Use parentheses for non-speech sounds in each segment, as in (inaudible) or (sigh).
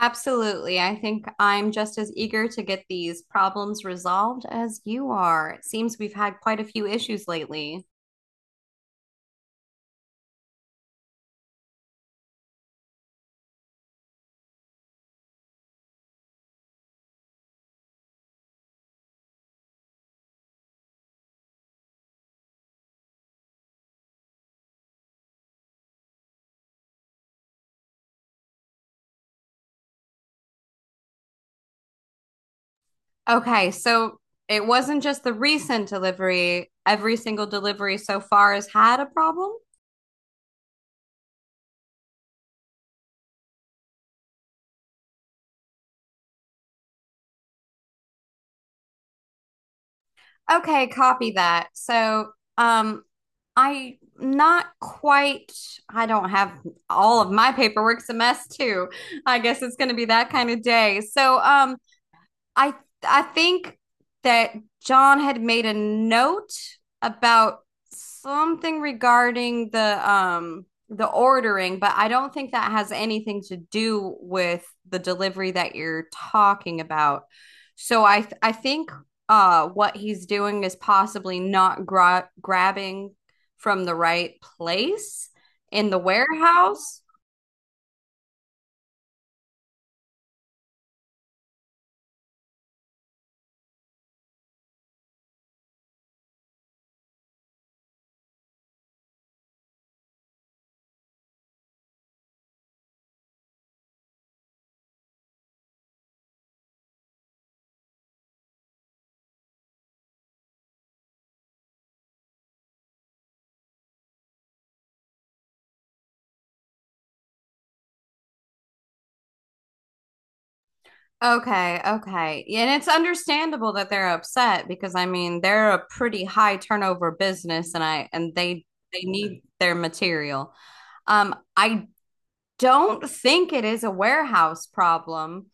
Absolutely. I think I'm just as eager to get these problems resolved as you are. It seems we've had quite a few issues lately. Okay, so it wasn't just the recent delivery. Every single delivery so far has had a problem. Okay, copy that. Um, I not I don't have all of my paperwork's a mess too. I guess it's going to be that kind of day. I I think that John had made a note about something regarding the ordering, but I don't think that has anything to do with the delivery that you're talking about. So I think what he's doing is possibly not grabbing from the right place in the warehouse. Okay, okay, yeah. And it's understandable that they're upset because I mean, they're a pretty high turnover business, and I and they need their material. I don't think it is a warehouse problem.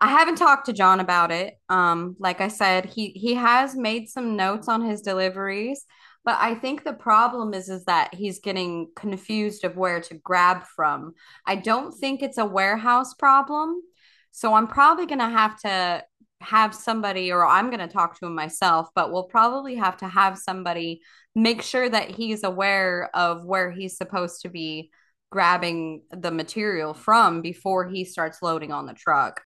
I haven't talked to John about it. Like I said, he has made some notes on his deliveries, but I think the problem is that he's getting confused of where to grab from. I don't think it's a warehouse problem, so I'm probably gonna have to have somebody, or I'm gonna talk to him myself. But we'll probably have to have somebody make sure that he's aware of where he's supposed to be grabbing the material from before he starts loading on the truck.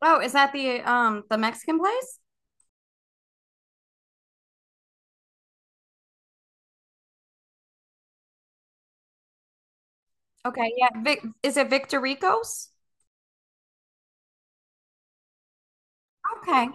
Oh, is that the Mexican place? Okay, yeah. Is it Victorico's? Okay.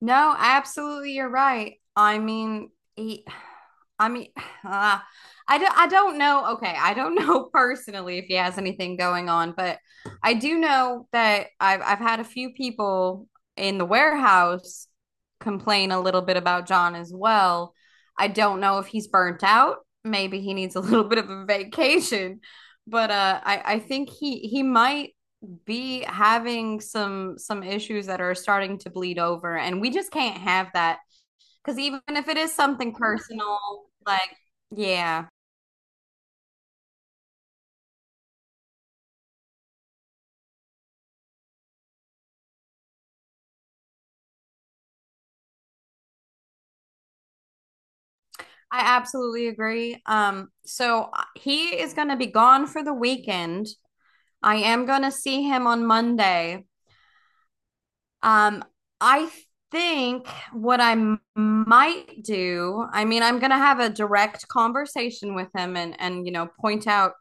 No, absolutely, you're right. I mean, (sighs) uh, I don't know. Okay, I don't (laughs) know personally if he has anything going on, but I do know that I've had a few people in the warehouse complain a little bit about John as well. I don't know if he's burnt out. Maybe he needs a (laughs) little bit of a vacation, but I think he might be having some issues that are starting to bleed over, and we just can't have that, because even if it is something personal, like, yeah, I absolutely agree. So he is going to be gone for the weekend. I am going to see him on Monday. um I think what I might do, I mean, I'm going to have a direct conversation with him and point out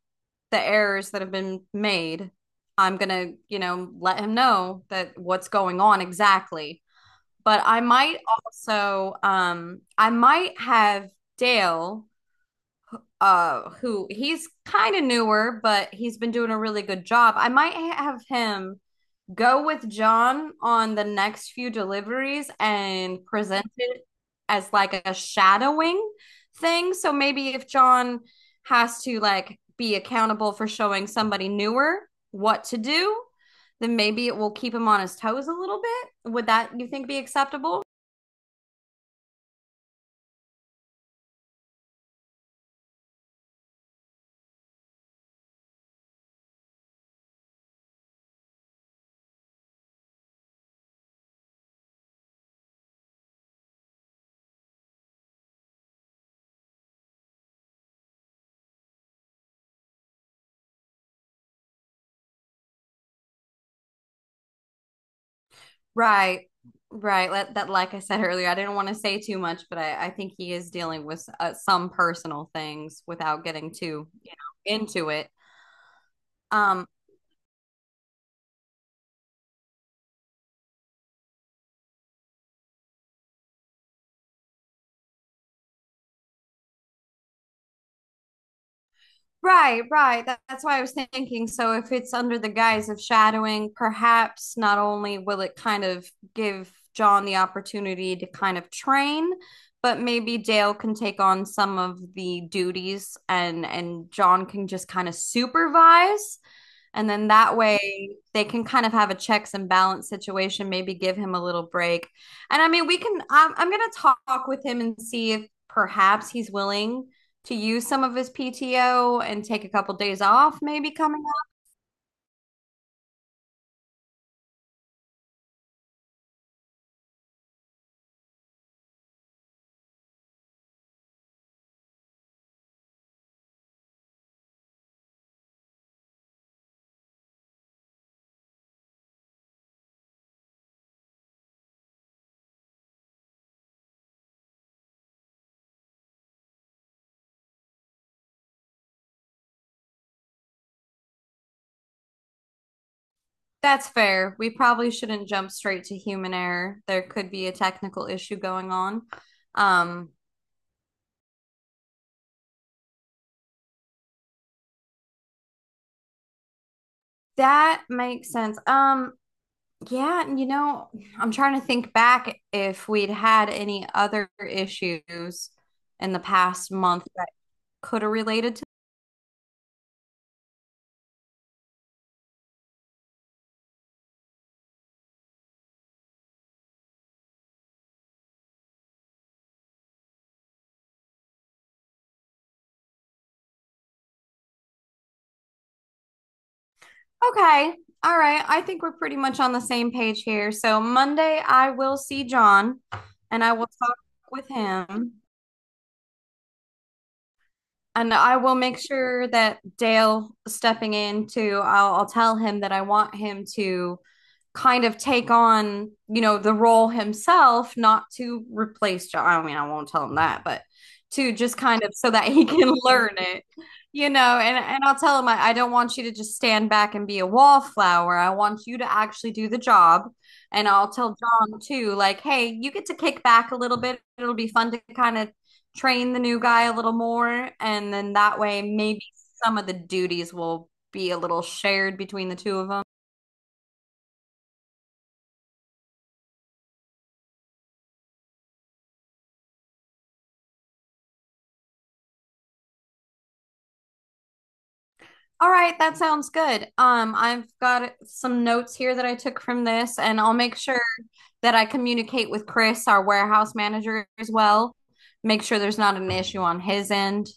the errors that have been made. I'm going to, you know, let him know that what's going on exactly. But I might also I might have Dale, who he's kind of newer, but he's been doing a really good job. I might have him go with John on the next few deliveries and present it as like a shadowing thing. So maybe if John has to, like, be accountable for showing somebody newer what to do, then maybe it will keep him on his toes a little bit. Would that, you think, be acceptable? Right. Right. Let that, like I said earlier, I didn't want to say too much, but I think he is dealing with some personal things without getting too, you know, into it. Um. Right, right. That's why I was thinking. So, if it's under the guise of shadowing, perhaps not only will it kind of give John the opportunity to kind of train, but maybe Dale can take on some of the duties, and John can just kind of supervise, and then that way they can kind of have a checks and balance situation, maybe give him a little break. And I mean, I'm going to talk with him and see if perhaps he's willing to use some of his PTO and take a couple days off, maybe coming up. That's fair. We probably shouldn't jump straight to human error. There could be a technical issue going on. Um, that makes sense. Yeah, and you know, I'm trying to think back if we'd had any other issues in the past month that could have related to. Okay, all right. I think we're pretty much on the same page here. So Monday, I will see John and I will talk with him. And I will make sure that Dale stepping in too, I'll tell him that I want him to kind of take on, you know, the role himself, not to replace John. I mean, I won't tell him that, but to just kind of so that he can (laughs) learn it, you know. And I'll tell him, I don't want you to just stand back and be a wallflower. I want you to actually do the job. And I'll tell John too, like, hey, you get to kick back a little bit. It'll be fun to kind of train the new guy a little more, and then that way maybe some of the duties will be a little shared between the two of them. All right, that sounds good. I've got some notes here that I took from this, and I'll make sure that I communicate with Chris, our warehouse manager, as well. Make sure there's not an issue on his end.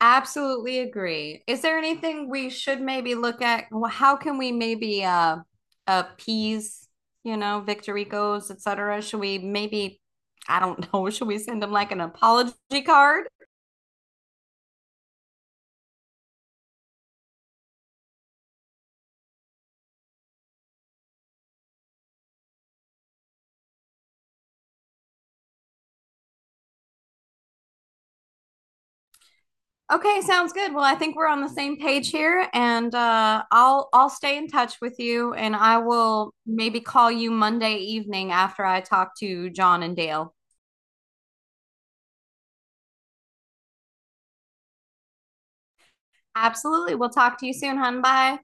Absolutely agree. Is there anything we should maybe look at? How can we maybe appease, you know, Victoricos, et cetera? Should we maybe, I don't know, (laughs) should we send them like an apology card? Okay, sounds good. Well, I think we're on the same page here, and I'll stay in touch with you, and I will maybe call you Monday evening after I talk to John and Dale. Absolutely. We'll talk to you soon, hun. Bye.